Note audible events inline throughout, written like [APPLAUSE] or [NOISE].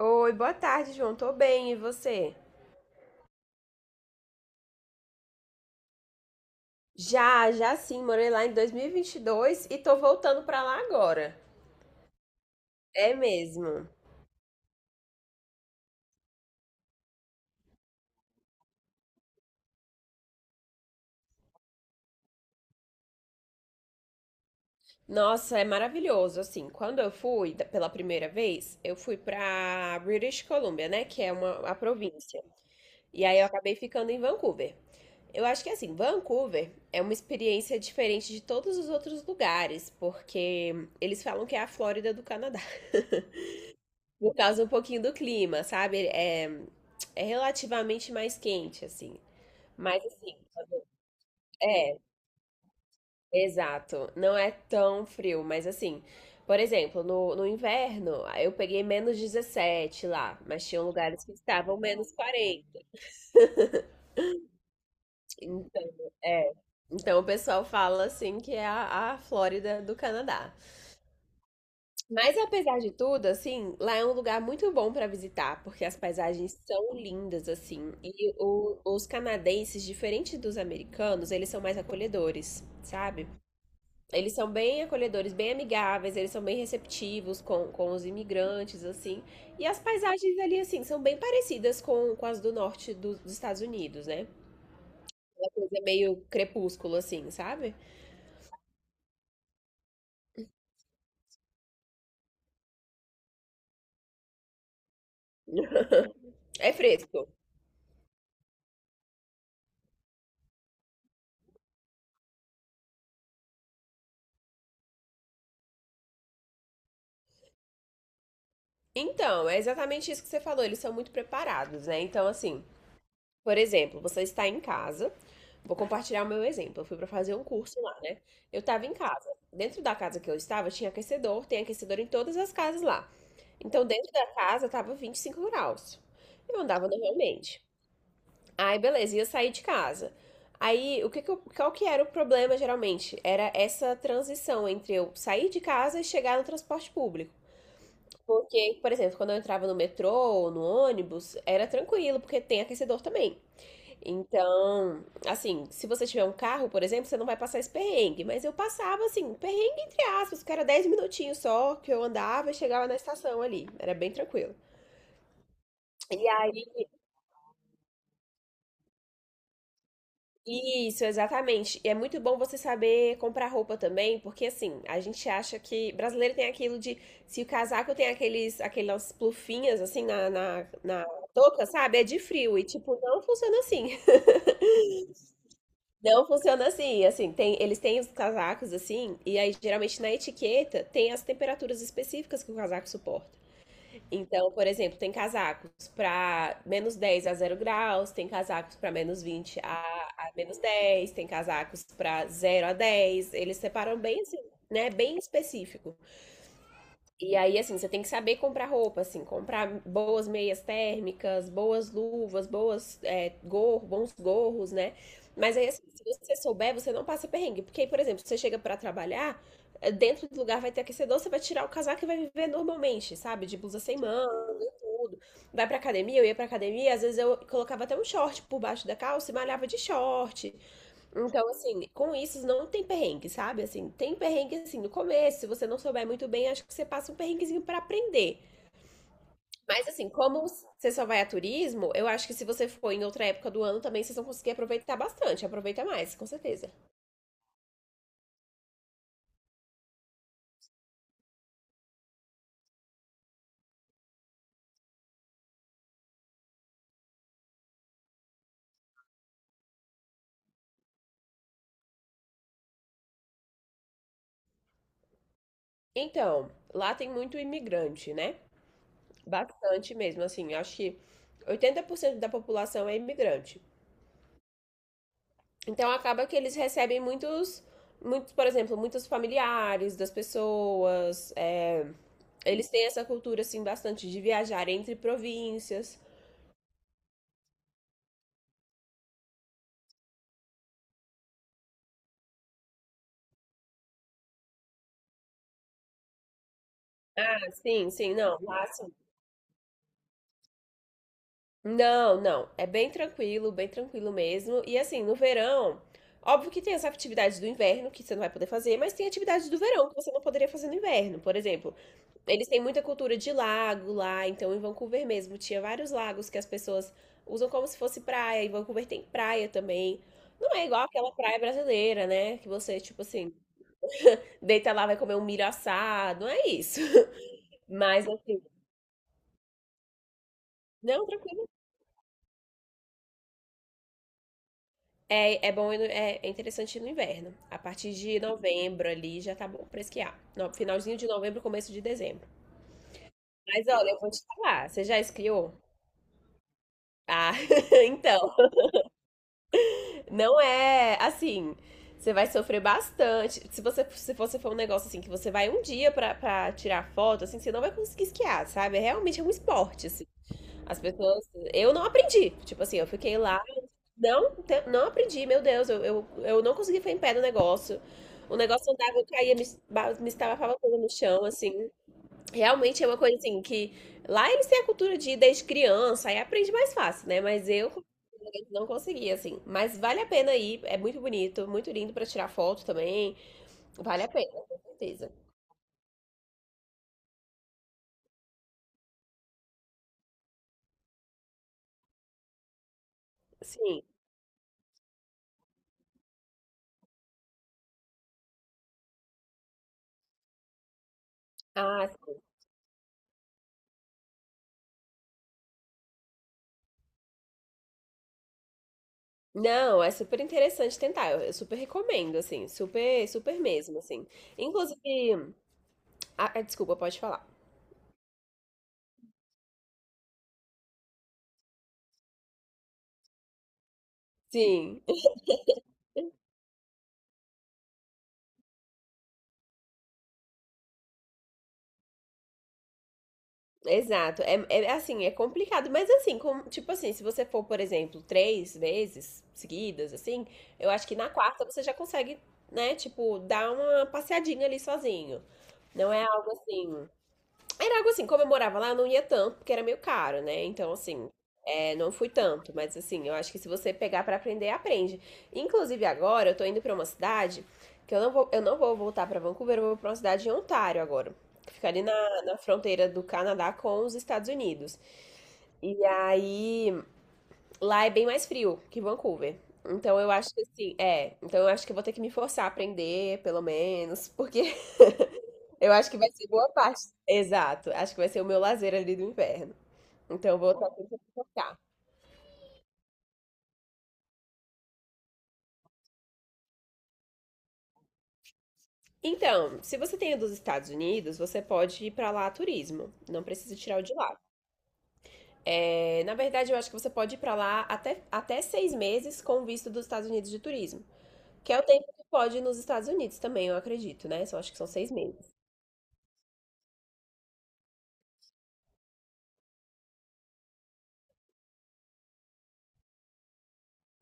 Oi, boa tarde, João. Tô bem, e você? Já, já sim, morei lá em 2022 e vinte e dois e tô voltando pra lá agora. É mesmo. Nossa, é maravilhoso. Assim, quando eu fui pela primeira vez, eu fui pra British Columbia, né, que é uma a província. E aí eu acabei ficando em Vancouver. Eu acho que assim, Vancouver é uma experiência diferente de todos os outros lugares, porque eles falam que é a Flórida do Canadá. [LAUGHS] Por causa um pouquinho do clima, sabe? É relativamente mais quente, assim. Mas assim, é, exato. Não é tão frio, mas assim, por exemplo, no inverno, eu peguei -17 lá, mas tinham lugares que estavam -40. Então, é. Então o pessoal fala assim que é a Flórida do Canadá. Mas apesar de tudo, assim, lá é um lugar muito bom para visitar, porque as paisagens são lindas, assim. E os canadenses, diferente dos americanos, eles são mais acolhedores, sabe? Eles são bem acolhedores, bem amigáveis, eles são bem receptivos com os imigrantes, assim. E as paisagens ali, assim, são bem parecidas com as do norte dos Estados Unidos, né? É uma coisa meio crepúsculo, assim, sabe? É fresco. Então, é exatamente isso que você falou, eles são muito preparados, né? Então, assim. Por exemplo, você está em casa. Vou compartilhar o meu exemplo. Eu fui para fazer um curso lá, né? Eu estava em casa. Dentro da casa que eu estava, tinha aquecedor, tem aquecedor em todas as casas lá. Então, dentro da casa, estava 25 graus. Eu andava normalmente. Aí, beleza, ia sair de casa. Aí, o que que eu- qual que era o problema, geralmente? Era essa transição entre eu sair de casa e chegar no transporte público. Porque, por exemplo, quando eu entrava no metrô ou no ônibus, era tranquilo, porque tem aquecedor também. Então, assim, se você tiver um carro, por exemplo, você não vai passar esse perrengue. Mas eu passava, assim, perrengue entre aspas, que era 10 minutinhos só que eu andava e chegava na estação ali. Era bem tranquilo. E aí, isso, exatamente. E é muito bom você saber comprar roupa também, porque assim, a gente acha que brasileiro tem aquilo de se o casaco tem aquelas plufinhas assim na touca, sabe? É de frio. E tipo, não funciona assim. Não funciona assim, assim, tem, eles têm os casacos assim, e aí geralmente na etiqueta tem as temperaturas específicas que o casaco suporta. Então, por exemplo, tem casacos para menos 10 a zero graus, tem casacos para menos 20 a menos 10, tem casacos para zero a 10. Eles separam bem assim, né, bem específico. E aí, assim, você tem que saber comprar roupa, assim, comprar boas meias térmicas, boas luvas, boas, é, gorro, bons gorros, né? Mas aí, assim, se você souber, você não passa perrengue. Porque, aí, por exemplo, você chega pra trabalhar, dentro do lugar vai ter aquecedor, você vai tirar o casaco e vai viver normalmente, sabe? De blusa sem manga e tudo. Vai pra academia, eu ia pra academia, às vezes eu colocava até um short por baixo da calça e malhava de short. Então, assim, com isso não tem perrengue, sabe? Assim, tem perrengue assim no começo, se você não souber muito bem, acho que você passa um perrenguezinho pra aprender. Mas assim, como você só vai a turismo, eu acho que se você for em outra época do ano também, vocês vão conseguir aproveitar bastante, aproveita mais, com certeza. Então, lá tem muito imigrante, né? Bastante mesmo, assim, eu acho que 80% da população é imigrante. Então acaba que eles recebem muitos, muitos, por exemplo, muitos familiares das pessoas. É, eles têm essa cultura assim bastante de viajar entre províncias. Ah, sim, sim, não. Lá, assim. Não, não. É bem tranquilo mesmo. E assim, no verão, óbvio que tem as atividades do inverno que você não vai poder fazer, mas tem atividades do verão que você não poderia fazer no inverno. Por exemplo, eles têm muita cultura de lago lá, então em Vancouver mesmo tinha vários lagos que as pessoas usam como se fosse praia. Em Vancouver tem praia também. Não é igual aquela praia brasileira, né? Que você, tipo assim, deita lá, vai comer um milho assado. Não é isso. [LAUGHS] Mas assim, não, tranquilo. É bom, ir no- é interessante ir no inverno. A partir de novembro ali já tá bom pra esquiar. No, finalzinho de novembro, começo de dezembro. Mas olha, eu vou te falar, você já esquiou? Ah, [LAUGHS] então, não é assim. Você vai sofrer bastante. Se você for um negócio assim que você vai um dia pra, tirar foto, assim, você não vai conseguir esquiar, sabe? É, realmente é um esporte, assim. As pessoas, eu não aprendi. Tipo assim, eu fiquei lá. Não, não aprendi, meu Deus, eu não consegui ficar em pé no negócio. O negócio andava, eu caía, me estava toda no chão, assim. Realmente é uma coisa assim que lá eles têm a cultura de ir desde criança, aí aprende mais fácil, né? Mas eu não consegui, assim. Mas vale a pena ir, é muito bonito, muito lindo pra tirar foto também. Vale a pena, com certeza. Sim. Ah, não, é super interessante tentar. Eu super recomendo, assim, super, super mesmo, assim. Inclusive, ah, desculpa, pode falar. Sim, [LAUGHS] exato. É assim, é complicado, mas assim, tipo assim, se você for, por exemplo, 3 vezes seguidas, assim, eu acho que na quarta você já consegue, né, tipo, dar uma passeadinha ali sozinho. Não é algo assim. Era algo assim, como eu morava lá, eu não ia tanto, porque era meio caro, né? Então, assim, é, não fui tanto, mas assim, eu acho que se você pegar pra aprender, aprende. Inclusive agora, eu tô indo pra uma cidade que eu não vou voltar pra Vancouver, eu vou pra uma cidade em Ontário agora. Que fica ali na fronteira do Canadá com os Estados Unidos. E aí, lá é bem mais frio que Vancouver. Então eu acho que eu vou ter que me forçar a aprender, pelo menos, [LAUGHS] porque eu acho que vai ser boa parte. Exato. Acho que vai ser o meu lazer ali do inverno. Então, eu vou estar tentando focar. Então, se você tem dos Estados Unidos, você pode ir pra lá a turismo. Não precisa tirar o de lá. É, na verdade, eu acho que você pode ir pra lá até 6 meses com o visto dos Estados Unidos de turismo. Que é o tempo que pode ir nos Estados Unidos também, eu acredito, né? Só acho que são 6 meses.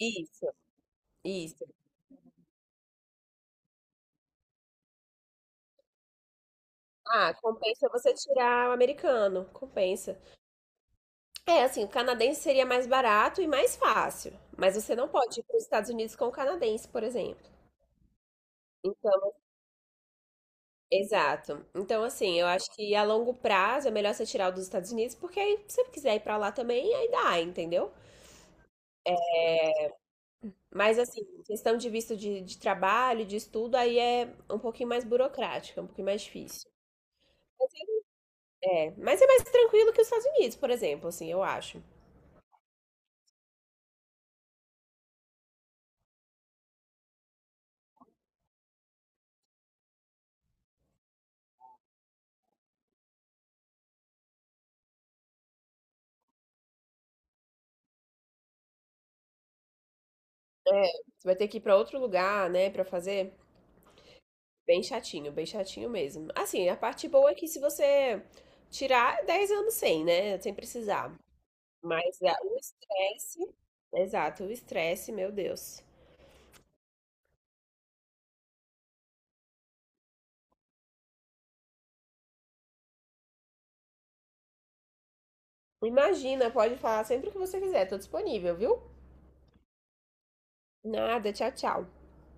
Isso, isso. Ah, compensa você tirar o americano. Compensa. É, assim, o canadense seria mais barato e mais fácil, mas você não pode ir para os Estados Unidos com o canadense, por exemplo. Então, exato. Então, assim, eu acho que a longo prazo é melhor você tirar o dos Estados Unidos, porque aí, se você quiser ir para lá também, aí dá, entendeu? Mas, assim, questão de visto de, trabalho, de estudo, aí é um pouquinho mais burocrática, um pouquinho mais difícil. É, mas é mais tranquilo que os Estados Unidos, por exemplo, assim, eu acho. Você vai ter que ir para outro lugar, né, para fazer. Bem chatinho mesmo. Assim, a parte boa é que se você tirar 10 anos sem, né? Sem precisar. Mas ah, o estresse. Exato, o estresse, meu Deus. Imagina, pode falar sempre o que você quiser, tô disponível, viu? Nada, tchau, tchau.